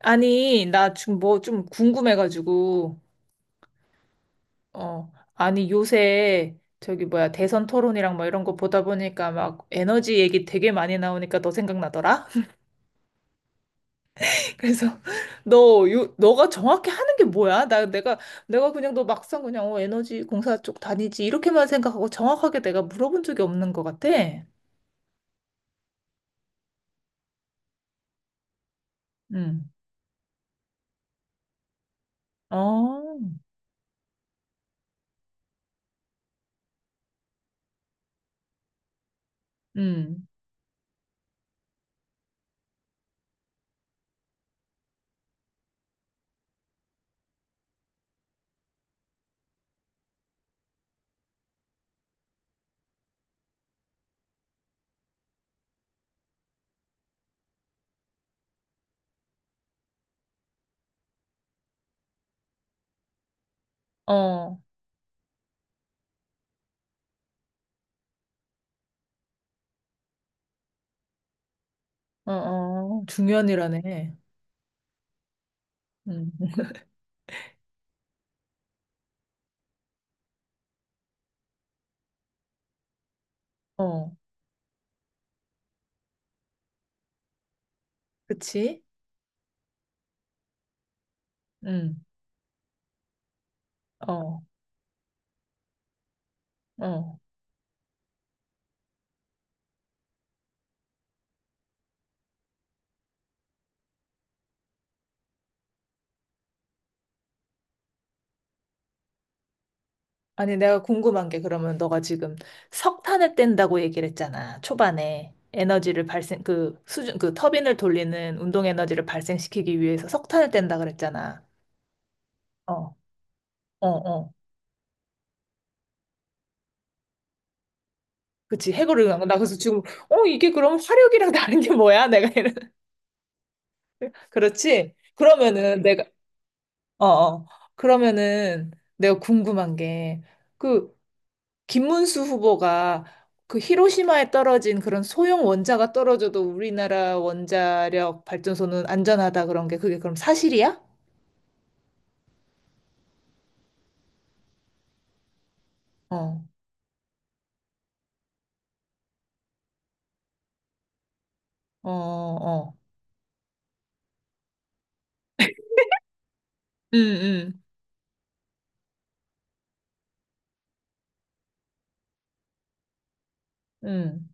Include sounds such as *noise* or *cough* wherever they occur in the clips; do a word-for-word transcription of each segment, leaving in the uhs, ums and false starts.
아니, 나 지금 뭐 좀 궁금해가지고, 어, 아니, 요새 저기 뭐야, 대선 토론이랑 뭐 이런 거 보다 보니까 막 에너지 얘기 되게 많이 나오니까 너 생각나더라? *laughs* 그래서 너, 요, 너가 정확히 하는 게 뭐야? 나, 내가, 내가 그냥 너 막상 그냥 어, 에너지 공사 쪽 다니지 이렇게만 생각하고 정확하게 내가 물어본 적이 없는 것 같아. 응. 어, 응. 어, 어, 어, 중요한 일하네. 응. 어, 그치? 응. 어. 어. 아니, 내가 궁금한 게 그러면 너가 지금 석탄을 뗀다고 얘기를 했잖아. 초반에 에너지를 발생, 그 수준, 그 터빈을 돌리는 운동 에너지를 발생시키기 위해서 석탄을 뗀다 그랬잖아. 어, 어, 어. 그치. 해고를 한 거. 나 그래서 지금, 어, 이게 그럼 화력이랑 다른 게 뭐야? 내가 이런. *laughs* 그렇지? 그러면은 내가, 어, 어. 그러면은 내가 궁금한 게, 그 김문수 후보가 그 히로시마에 떨어진 그런 소형 원자가 떨어져도 우리나라 원자력 발전소는 안전하다 그런 게 그게 그럼 사실이야? 어, 어, 어. 응, 응, 응.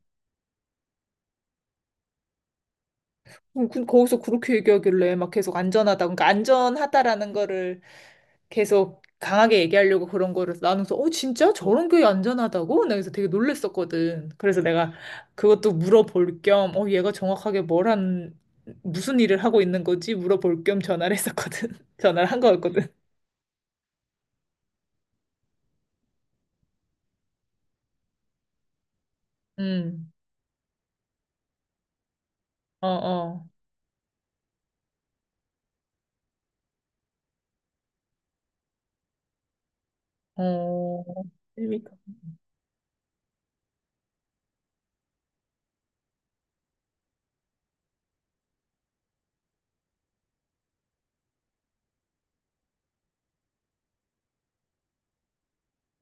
그- 그- 거기서 그렇게 얘기하길래 막 계속 안전하다. 그러니까 안전하다라는 거를 계속 강하게 얘기하려고 그런 거를 나눠서 어 진짜 저런 게 안전하다고? 나 그래서 되게 놀랬었거든. 그래서 내가 그것도 물어볼 겸 어 얘가 정확하게 뭘 한 무슨 일을 하고 있는 거지? 물어볼 겸 전화를 했었거든. *laughs* 전화를 한 거였거든. 음. 어, 어. 어. 재밌다.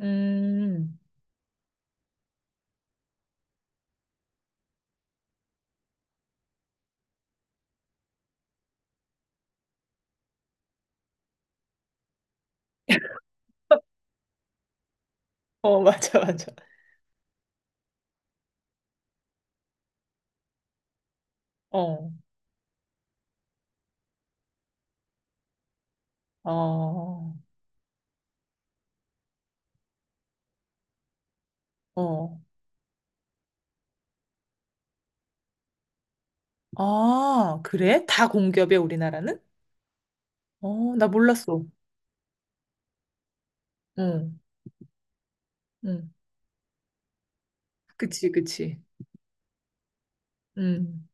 음. 어, *laughs* 맞아, 맞아. 어. 어. 어. 아, 그래? 다 공기업이야, 우리나라는? 어, 나 몰랐어. 응. 응. 그치, 그치. 음,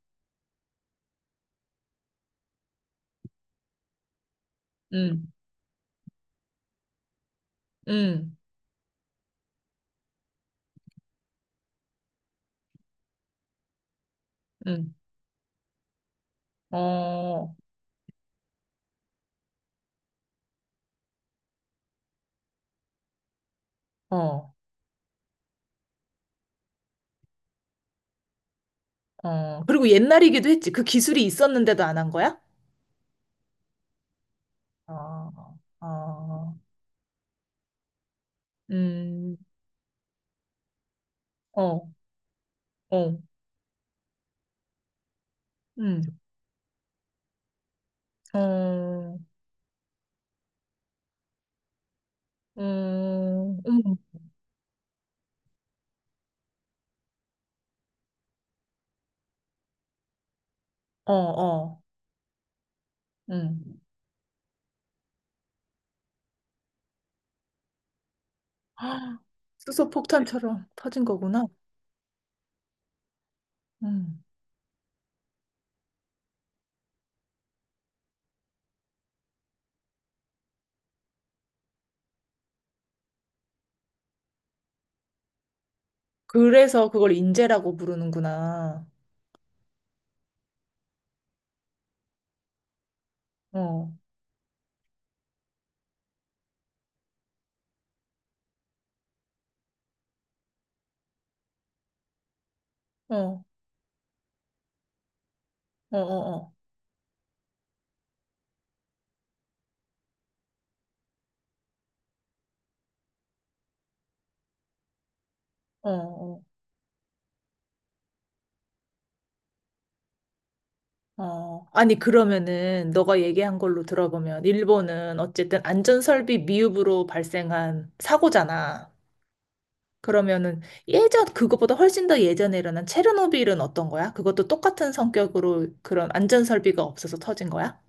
음, 음, 음. 어, 어, 어. 그리고 옛날이기도 했지. 그 기술이 있었는데도 안 한 거야? 어, 어, 음, 어, 어, 음, 어, 음, 음, 어, 어, 음. *gasps* 헉, 수소 폭탄처럼 터진 거구나. 음. 그래서 그걸 인재라고 부르는구나. 어, 어, 어, 어, 어, 어, 어. 어, 아니, 그러면은, 너가 얘기한 걸로 들어보면, 일본은 어쨌든 안전설비 미흡으로 발생한 사고잖아. 그러면은, 예전, 그거보다 훨씬 더 예전에 일어난 체르노빌은 어떤 거야? 그것도 똑같은 성격으로 그런 안전설비가 없어서 터진 거야?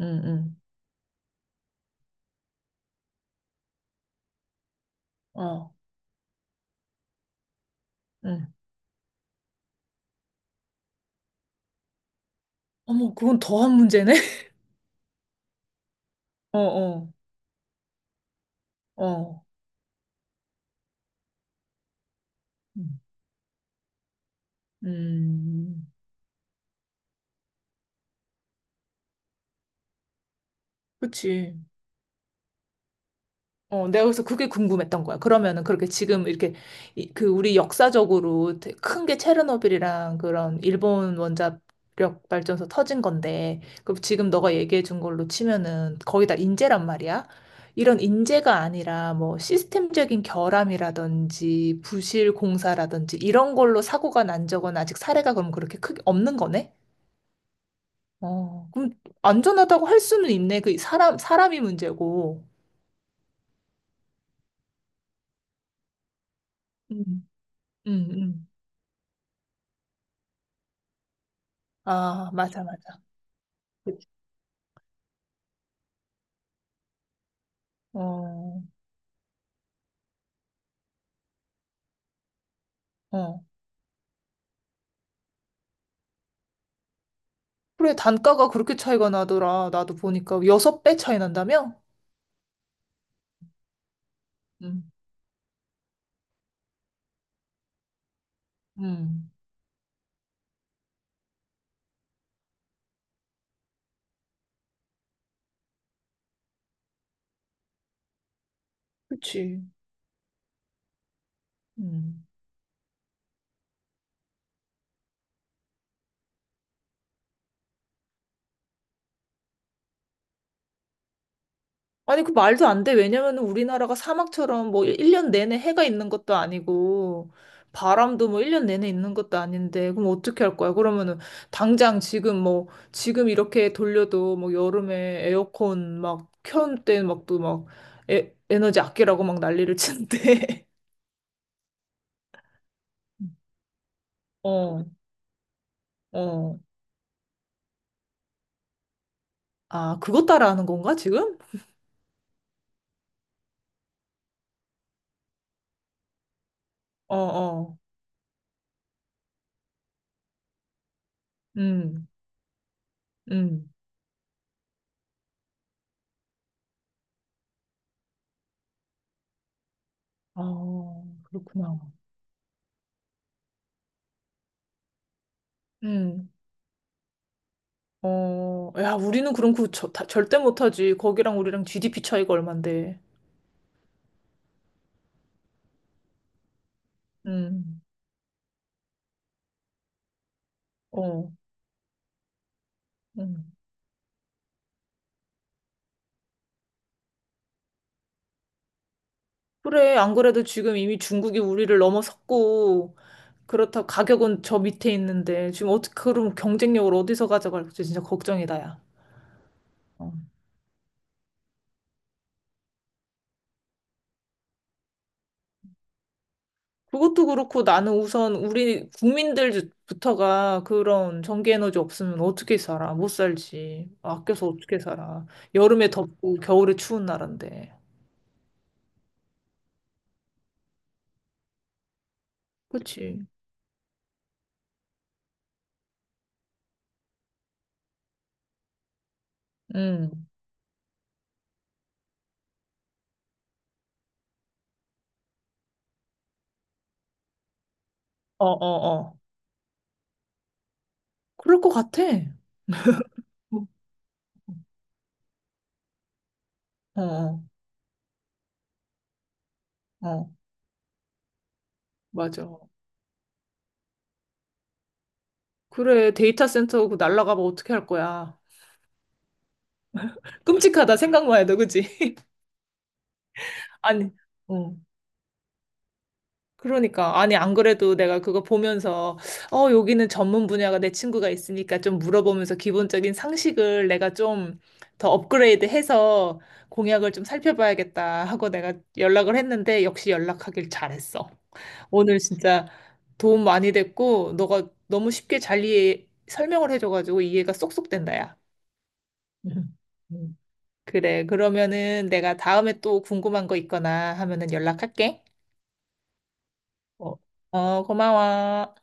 응, 응, 어, 응. 어머, 그건 더한 문제네? *laughs* 어, 어, 어. 음, 음, 그치. 어, 내가 그래서 그게 궁금했던 거야. 그러면은 그렇게 지금 이렇게 이- 그 우리 역사적으로 큰 게 체르노빌이랑 그런 일본 원자력 발전소 터진 건데, 그럼 지금 너가 얘기해 준 걸로 치면은 거의 다 인재란 말이야. 이런 인재가 아니라 뭐 시스템적인 결함이라든지 부실 공사라든지 이런 걸로 사고가 난 적은 아직 사례가 그럼 그렇게 크게 없는 거네? 어, 그럼 안전하다고 할 수는 있네. 그 사람, 사람이 문제고. 음, 음, 음. 아, 맞아, 맞아. 그치. 어, 어. 그래, 단가가 그렇게 차이가 나더라. 나도 보니까 여섯 배 차이 난다며? 음, 음. 그치. 음. 아니, 그 말도 안 돼. 왜냐면 우리나라가 사막처럼 뭐 일 년 내내 해가 있는 것도 아니고, 바람도 뭐 일 년 내내 있는 것도 아닌데, 그럼 어떻게 할 거야? 그러면은, 당장 지금 뭐, 지금 이렇게 돌려도 뭐 여름에 에어컨 막 켠 때 막 또 막 에너지 아끼라고 막 난리를 치는데. *laughs* 어. 어. 아, 그것 따라하는 건가, 지금? 어, 어. 음, 음. 어, 그렇구나. 음. 어, 야, 우리는 그럼 그 저, 다, 절대 못하지. 거기랑 우리랑 지디피 차이가 얼만데. 음, 어, 음. 그래, 안 그래도 지금 이미 중국이 우리를 넘어섰고, 그렇다 가격은 저 밑에 있는데, 지금 어떻게, 그럼 경쟁력을 어디서 가져갈지 진짜 걱정이다, 야. 어. 그것도 그렇고 나는 우선 우리 국민들부터가 그런 전기에너지 없으면 어떻게 살아? 못 살지. 아껴서 어떻게 살아? 여름에 덥고 겨울에 추운 나라인데. 그치? 응. 어, 어, 어. 그럴 것 같아. 어, 어, 어. 맞아. 그래, 데이터 센터 그 날라가면 어떻게 할 거야? 끔찍하다, 생각만 해도, 그치? *laughs* 아니, 어. 그러니까 아니 안 그래도 내가 그거 보면서 어 여기는 전문 분야가 내 친구가 있으니까 좀 물어보면서 기본적인 상식을 내가 좀 더 업그레이드해서 공약을 좀 살펴봐야겠다 하고 내가 연락을 했는데 역시 연락하길 잘했어. 오늘 진짜 도움 많이 됐고 너가 너무 쉽게 잘 이해 설명을 해줘가지고 이해가 쏙쏙 된다야. *laughs* 음. 음. 그래 그러면은 내가 다음에 또 궁금한 거 있거나 하면은 연락할게. 어, 어 고마워.